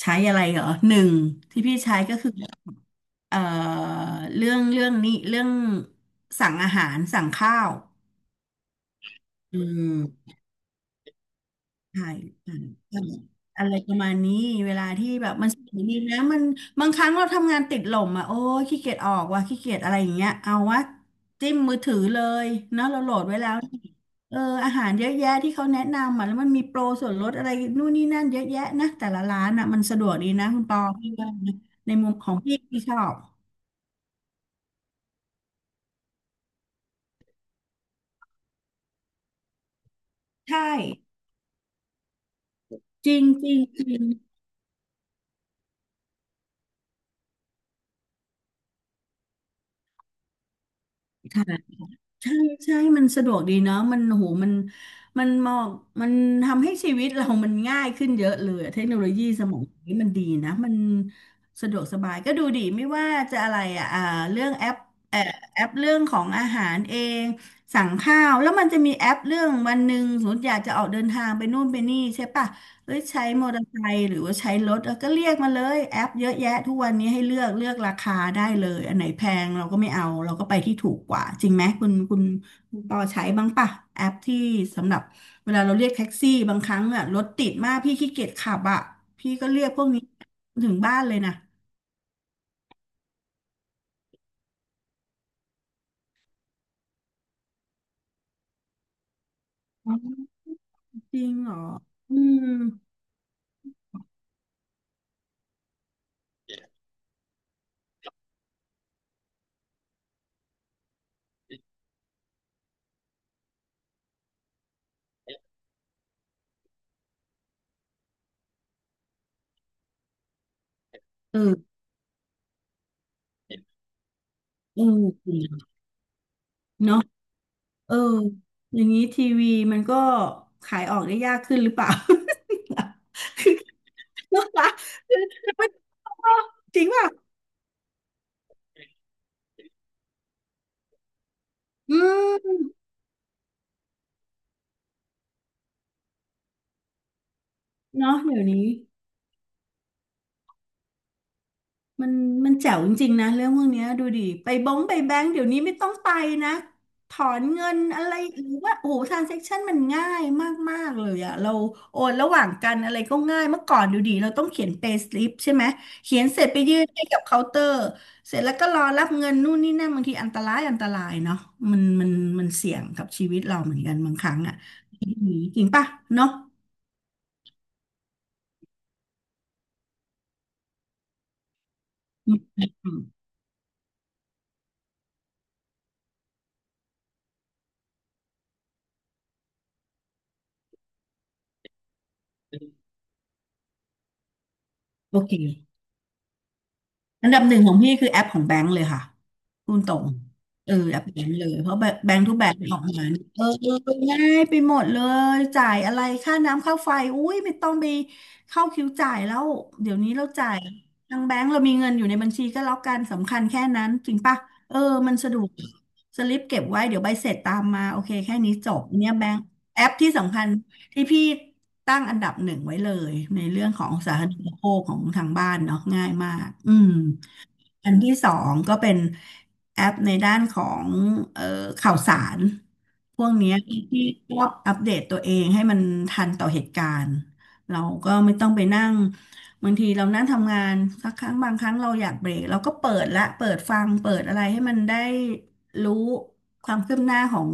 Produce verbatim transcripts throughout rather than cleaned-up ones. ใช้อะไรเหรอหนึ่งที่พี่ใช้ก็คือเอ่อเรื่องเรื่องนี้เรื่องสั่งอาหารสั่งข้าวอืม ถ่ายถ่ายถ่ายอะไรประมาณนี้เวลาที่แบบมันสนุกดีนะมันบางครั้งเราทำงานติดหล่มอ่ะโอ้ยขี้เกียจออกว่ะขี้เกียจอะไรอย่างเงี้ยเอาวะจิ้มมือถือเลยเนาะเราโหลดไว้แล้วเอออาหารเยอะแยะที่เขาแนะนำอ่ะแล้วมันมีโปรส่วนลดอะไรนู่นนี่นั่นเยอะแยะนะแต่ละร้านอ่ะมันสะดวกดีนะคุณปอพี่ว่านะในมุมของพี่พี่ชอบใช่จริงจริงจริงค่ะ ใช่ใช่มันสะดวกดีเนาะมันโหมันมันมองมันทำให้ชีวิตเรามันง่ายขึ้นเยอะเลย เทคโนโลยีสมัยนี้มันดีนะมันสะดวกสบายก็ดูดีไม่ว่าจะอะไรอ่ะอ่าเรื่องแอปแอปแอปเรื่องของอาหารเอง สั่งข้าวแล้วมันจะมีแอปเรื่องวันหนึ่งสมมติอยากจะออกเดินทางไปนู่นไปนี่ใช่ปะ เอ้ยใช้มอเตอร์ไซค์หรือว่าใช้รถเออก็เรียกมาเลยแอปเยอะแยะทุกวันนี้ให้เลือกเลือกราคาได้เลยอันไหนแพงเราก็ไม่เอาเราก็ไปที่ถูกกว่าจริงไหมคุณคุณคุณปอใช้บ้างปะแอปที่สำหรับเวลาเราเรียกแท็กซี่บางครั้งอะรถติดมากพี่ขี้เกียจขับอะพี่ก็เรียกพวกนี้ถึงบ้านเลยนะอ๋อจริงเหรออืมเออเออจริงเนาะเอออย่างนี้ทีวีมันก็ขายออกได้ยากขึ้นหรือเปล่า จริงป่ะอืมเนาะเดี๋ยวนี้มันมันแจ๋วจริงๆนะเรื่องพวกเนี้ยดูดิไปบ้งไปแบงก์เดี๋ยวนี้ไม่ต้องไปนะถอนเงินอะไรหรือว่าโอ้โหทรานเซ็คชันมันง่ายมากๆเลยอะเราโอนระหว่างกันอะไรก็ง่ายเมื่อก่อนดูดิเราต้องเขียน เพย์ สลิป ใช่ไหมเขียนเสร็จไปยื่นให้กับเคาน์เตอร์เสร็จแล้วก็รอรับเงินนู่นนี่นั่นบางทีอันตรายอันตรายเนาะมันมันมันเสี่ยงกับชีวิตเราเหมือนกันบางครั้งอะจริงป่ะเนาะ อืมโอเคอันดับหนึ่งของพี่คือแอปของแบงก์เลยค่ะพูดตรงเออแอปแบงก์เลยเพราะแบงก์ทุกแบงก์ออกมาเนี่ยเออเออง่ายไปหมดเลยจ่ายอะไรค่าน้ำค่าไฟอุ้ยไม่ต้องไปเข้าคิวจ่ายแล้วเดี๋ยวนี้เราจ่ายทางแบงก์เรามีเงินอยู่ในบัญชีก็แล้วกันสำคัญแค่นั้นจริงปะเออมันสะดวกสลิปเก็บไว้เดี๋ยวใบเสร็จตามมาโอเคแค่นี้จบเนี่ยแบงก์แอปที่สำคัญ ที่พี่ตั้งอันดับหนึ่งไว้เลยในเรื่องของสาธารณูปโภคของทางบ้านเนาะง่ายมากอืม อันที่สองก็เป็นแอปในด้านของเอ่อข่าวสารพวกเนี้ยที่ก็อัปเดตตัวเองให้มันทันต่อเหตุการณ์เราก็ไม่ต้องไปนั่งบางทีเรานั่งทำงานสักครั้งบางครั้งเราอยากเบรกเราก็เปิดละเปิดฟังเปิดอะไรให้มันได้รู้ความคืบหน้าของ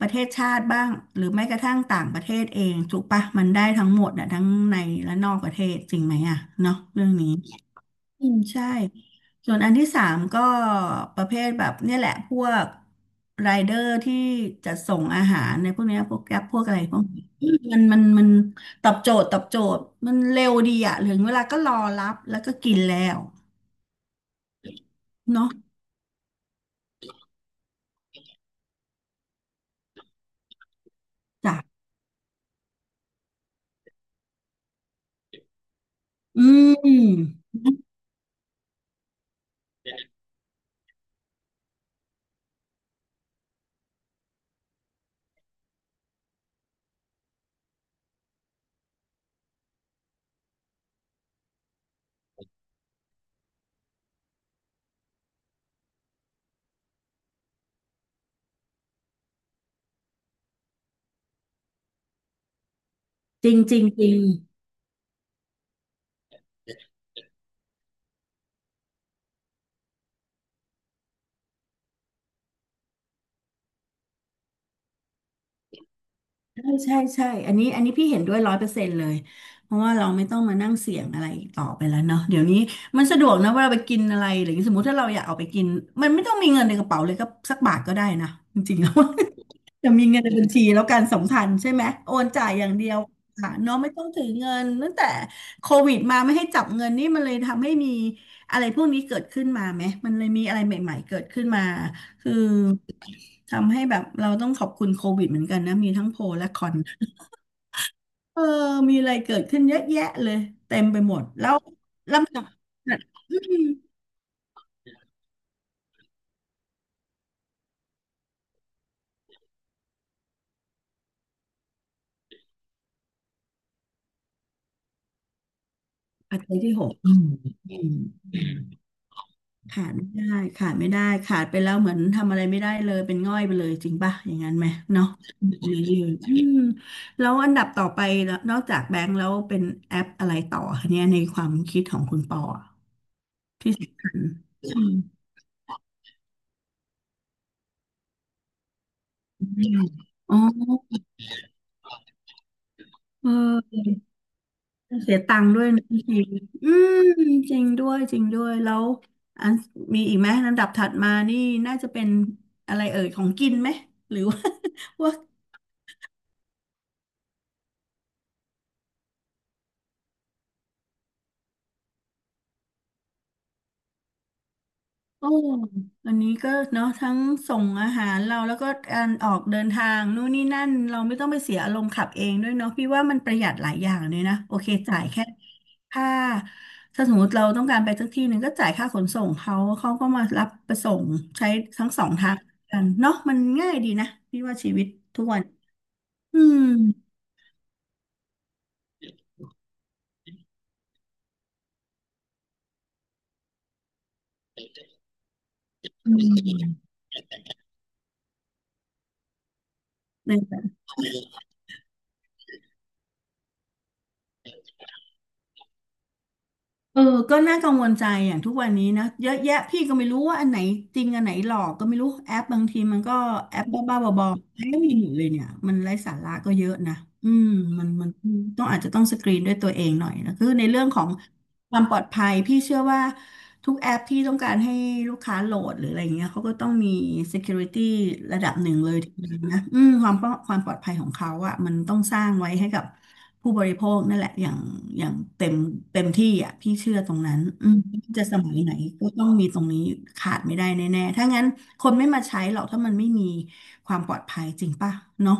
ประเทศชาติบ้างหรือแม้กระทั่งต่างประเทศเองถูกปะมันได้ทั้งหมดอ่ะทั้งในและนอกประเทศจริงไหมอะเนาะเรื่องนี้ อืมใช่ส่วนอันที่สามก็ประเภทแบบเนี่ยแหละพวกไรเดอร์ที่จัดส่งอาหารในพวกเนี้ยพวกแกร็บพวกอะไรพวกนี้อืมมันมันมันตอบโจทย์ตอบโจทย์มันเร็วดีอะถึงเวลาก็รอรับแล้วก็กินแล้วเนาะจ้ะอืมจริงจริงจริง ใช่ใช่ใช่อันนี้อันนี้พี่เห็นด้วยร้อยเปอร์เซ็นต์เลยเพราะว่าเราไม่ต้องมานั่งเสี่ยงอะไรอีกต่อไปแล้วเนาะเดี๋ยวนี้มันสะดวกนะเวลาไปกินอะไรหรืออย่างสมมติถ้าเราอยากเอาไปกินมันไม่ต้องมีเงินในกระเป๋าเลยก็สักบาทก็ได้นะจริงๆ แล้ว จะมีเงินในบัญชีแล้วการสำคัญใช่ไหมโอนจ่ายอย่างเดียวค่ะเนาะไม่ต้องถือเงินตั้งแต่โควิดมาไม่ให้จับเงินนี่มันเลยทำให้มีอะไรพวกนี้เกิดขึ้นมาไหมมันเลยมีอะไรใหม่ๆเกิดขึ้นมาคือทำให้แบบเราต้องขอบคุณโควิดเหมือนกันนะมีทั้งโปรและคอน เออมีอะไรเกิดขึ้นเยอะแยะเลยเต็มไปหมดแล้วลำดับอืมปัจจัยที่หกอืมอืมขาดไม่ได้ขาดไม่ได้ขาดไปแล้วเหมือนทำอะไรไม่ได้เลยเป็นง่อยไปเลยจริงป่ะอย่างนั้นไหมเนาะอืมอืมอืมแล้วอันดับต่อไปแล้วนอกจากแบงก์แล้วเป็นแอปอะไรต่อคะเนี่ยในความคิดของคุณปออะที่สำคัญอืมอ๋อเออ เสียตังค์ด้วยนะจริงอืมจริงด้วยจริงด้วยแล้วอันมีอีกไหมลำดับถัดมานี่น่าจะเป็นอะไรเอ่ยของกินไหมหรือว่า ว่า โอ้อันนี้ก็เนาะทั้งส่งอาหารเราแล้วก็การออกเดินทางนู่นนี่นั่นเราไม่ต้องไปเสียอารมณ์ขับเองด้วยเนาะพี่ว่ามันประหยัดหลายอย่างเลยนะโอเคจ่ายแค่ค่าถ้าสมมติเราต้องการไปสักที่หนึ่งก็จ่ายค่าขนส่งเขาเขาก็มารับไปส่งใช้ทั้งสองทางกันเนาะมันง่ายดีนะพี่ว่าชีวิตทุกวันอืมอืม เออก็น่ากังวลใจอย่างทุกวันนี้นะเยอะแยะพี่ก็ไม่รู้ว่าอันไหนจริงอันไหนหลอกก็ไม่รู้แอปบางทีมันก็แอปบ้าๆบอๆให้ไม่หมดเลยเนี่ยมันไร้สาระก็เยอะนะอืมมันมันต้องอาจจะต้องสกรีนด้วยตัวเองหน่อยนะคือในเรื่องของ ความปลอดภัยพี่เชื่อว่าทุกแอปที่ต้องการให้ลูกค้าโหลดหรืออะไรอย่างเงี้ยเขาก็ต้องมี ซีเคียวริตี้ ระดับหนึ่งเลยทีเดียวนะอืมความปอความปลอดภัยของเขาอะมันต้องสร้างไว้ให้กับผู้บริโภคนั่นแหละอย่างอย่างเต็มเต็มที่อะพี่เชื่อตรงนั้นอืมจะสมัยไหนก็ต้องมีตรงนี้ขาดไม่ได้แน่ๆถ้างั้นคนไม่มาใช้หรอกถ้ามันไม่มีความปลอดภัยจริงป่ะเนาะ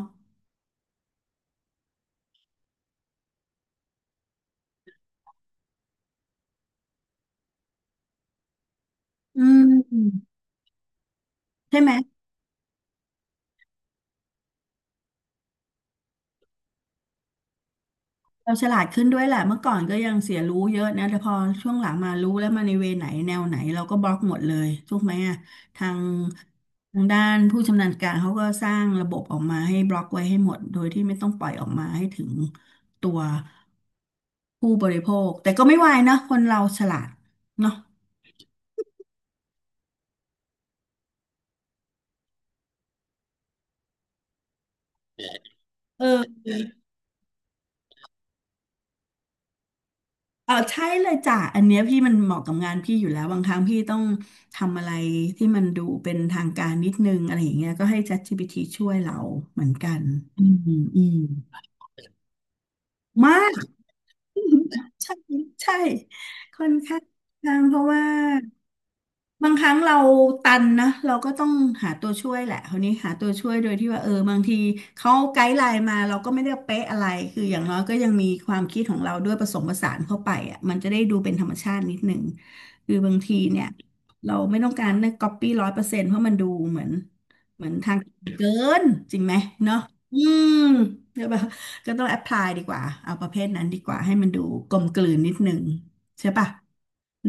อืมใช่ไหม เราฉลาดขึ้นด้วยแหละเมื่อก่อนก็ยังเสียรู้เยอะนะแต่พอช่วงหลังมารู้แล้วมาในเวไหนแนวไหนเราก็บล็อกหมดเลยถูกไหมอ่ะทางทางด้านผู้ชำนาญการเขาก็สร้างระบบออกมาให้บล็อกไว้ให้หมดโดยที่ไม่ต้องปล่อยออกมาให้ถึงตัวผู้บริโภคแต่ก็ไม่วายนะคนเราฉลาดเนาะเออ เออใช่เลยจ้ะอันเนี้ยพี่มันเหมาะกับงานพี่อยู่แล้วบางครั้งพี่ต้องทำอะไรที่มันดูเป็นทางการนิดนึงอะไรอย่างเงี้ยก็ให้ แชทจีพีที ช่วยเราเหมือนกันอืมอืมมาก ใช่ใช่ค่อนข้างดังเพราะว่าบางครั้งเราตันนะเราก็ต้องหาตัวช่วยแหละคราวนี้หาตัวช่วยโดยที่ว่าเออบางทีเขาไกด์ไลน์มาเราก็ไม่ได้เป๊ะอะไรคืออย่างน้อยก็ยังมีความคิดของเราด้วยผสมผสานเข้าไปอ่ะมันจะได้ดูเป็นธรรมชาตินิดหนึ่งคือบางทีเนี่ยเราไม่ต้องการเนี่ยก๊อปปี้ร้อยเปอร์เซ็นต์เพราะมันดูเหมือนเหมือนทางเกินจริงไหมเนาะอืมใช่ปะ ก็ต้องแอ p พลายดีกว่าเอาประเภทนั้นดีกว่าให้มันดูกลมกลืนนิดนึงใช่ปะ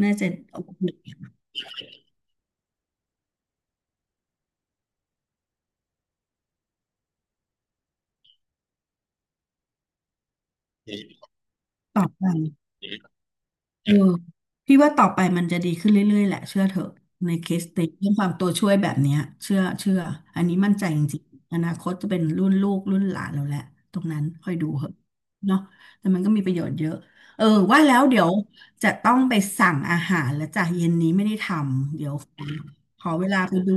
น่าจะโอเคตอบไป เออพี่ว่าต่อไปมันจะดีขึ้นเรื่อยๆแหละเชื่อเถอะในเคสติเรื่องความตัวช่วยแบบเนี้ยเชื่อเชื่ออันนี้มั่นใจจริงๆอนาคตจะเป็นรุ่นลูกรุ่นหลานเราแหละตรงนั้นค่อยดูเหอะเนาะแต่มันก็มีประโยชน์เยอะเออว่าแล้วเดี๋ยวจะต้องไปสั่งอาหารแล้วจ้ะเย็นนี้ไม่ได้ทำเดี๋ยวขอขอเวลาไปดู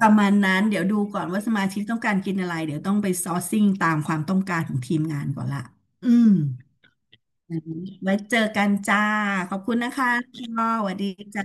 ประมาณนั้นเดี๋ยวดูก่อนว่าสมาชิกต้องการกินอะไรเดี๋ยวต้องไปซอร์ซิ่งตามความต้องการของทีมงานก่อนละอืม ไว้เจอกันจ้า ขอบคุณนะคะชอสวัสดีจ้า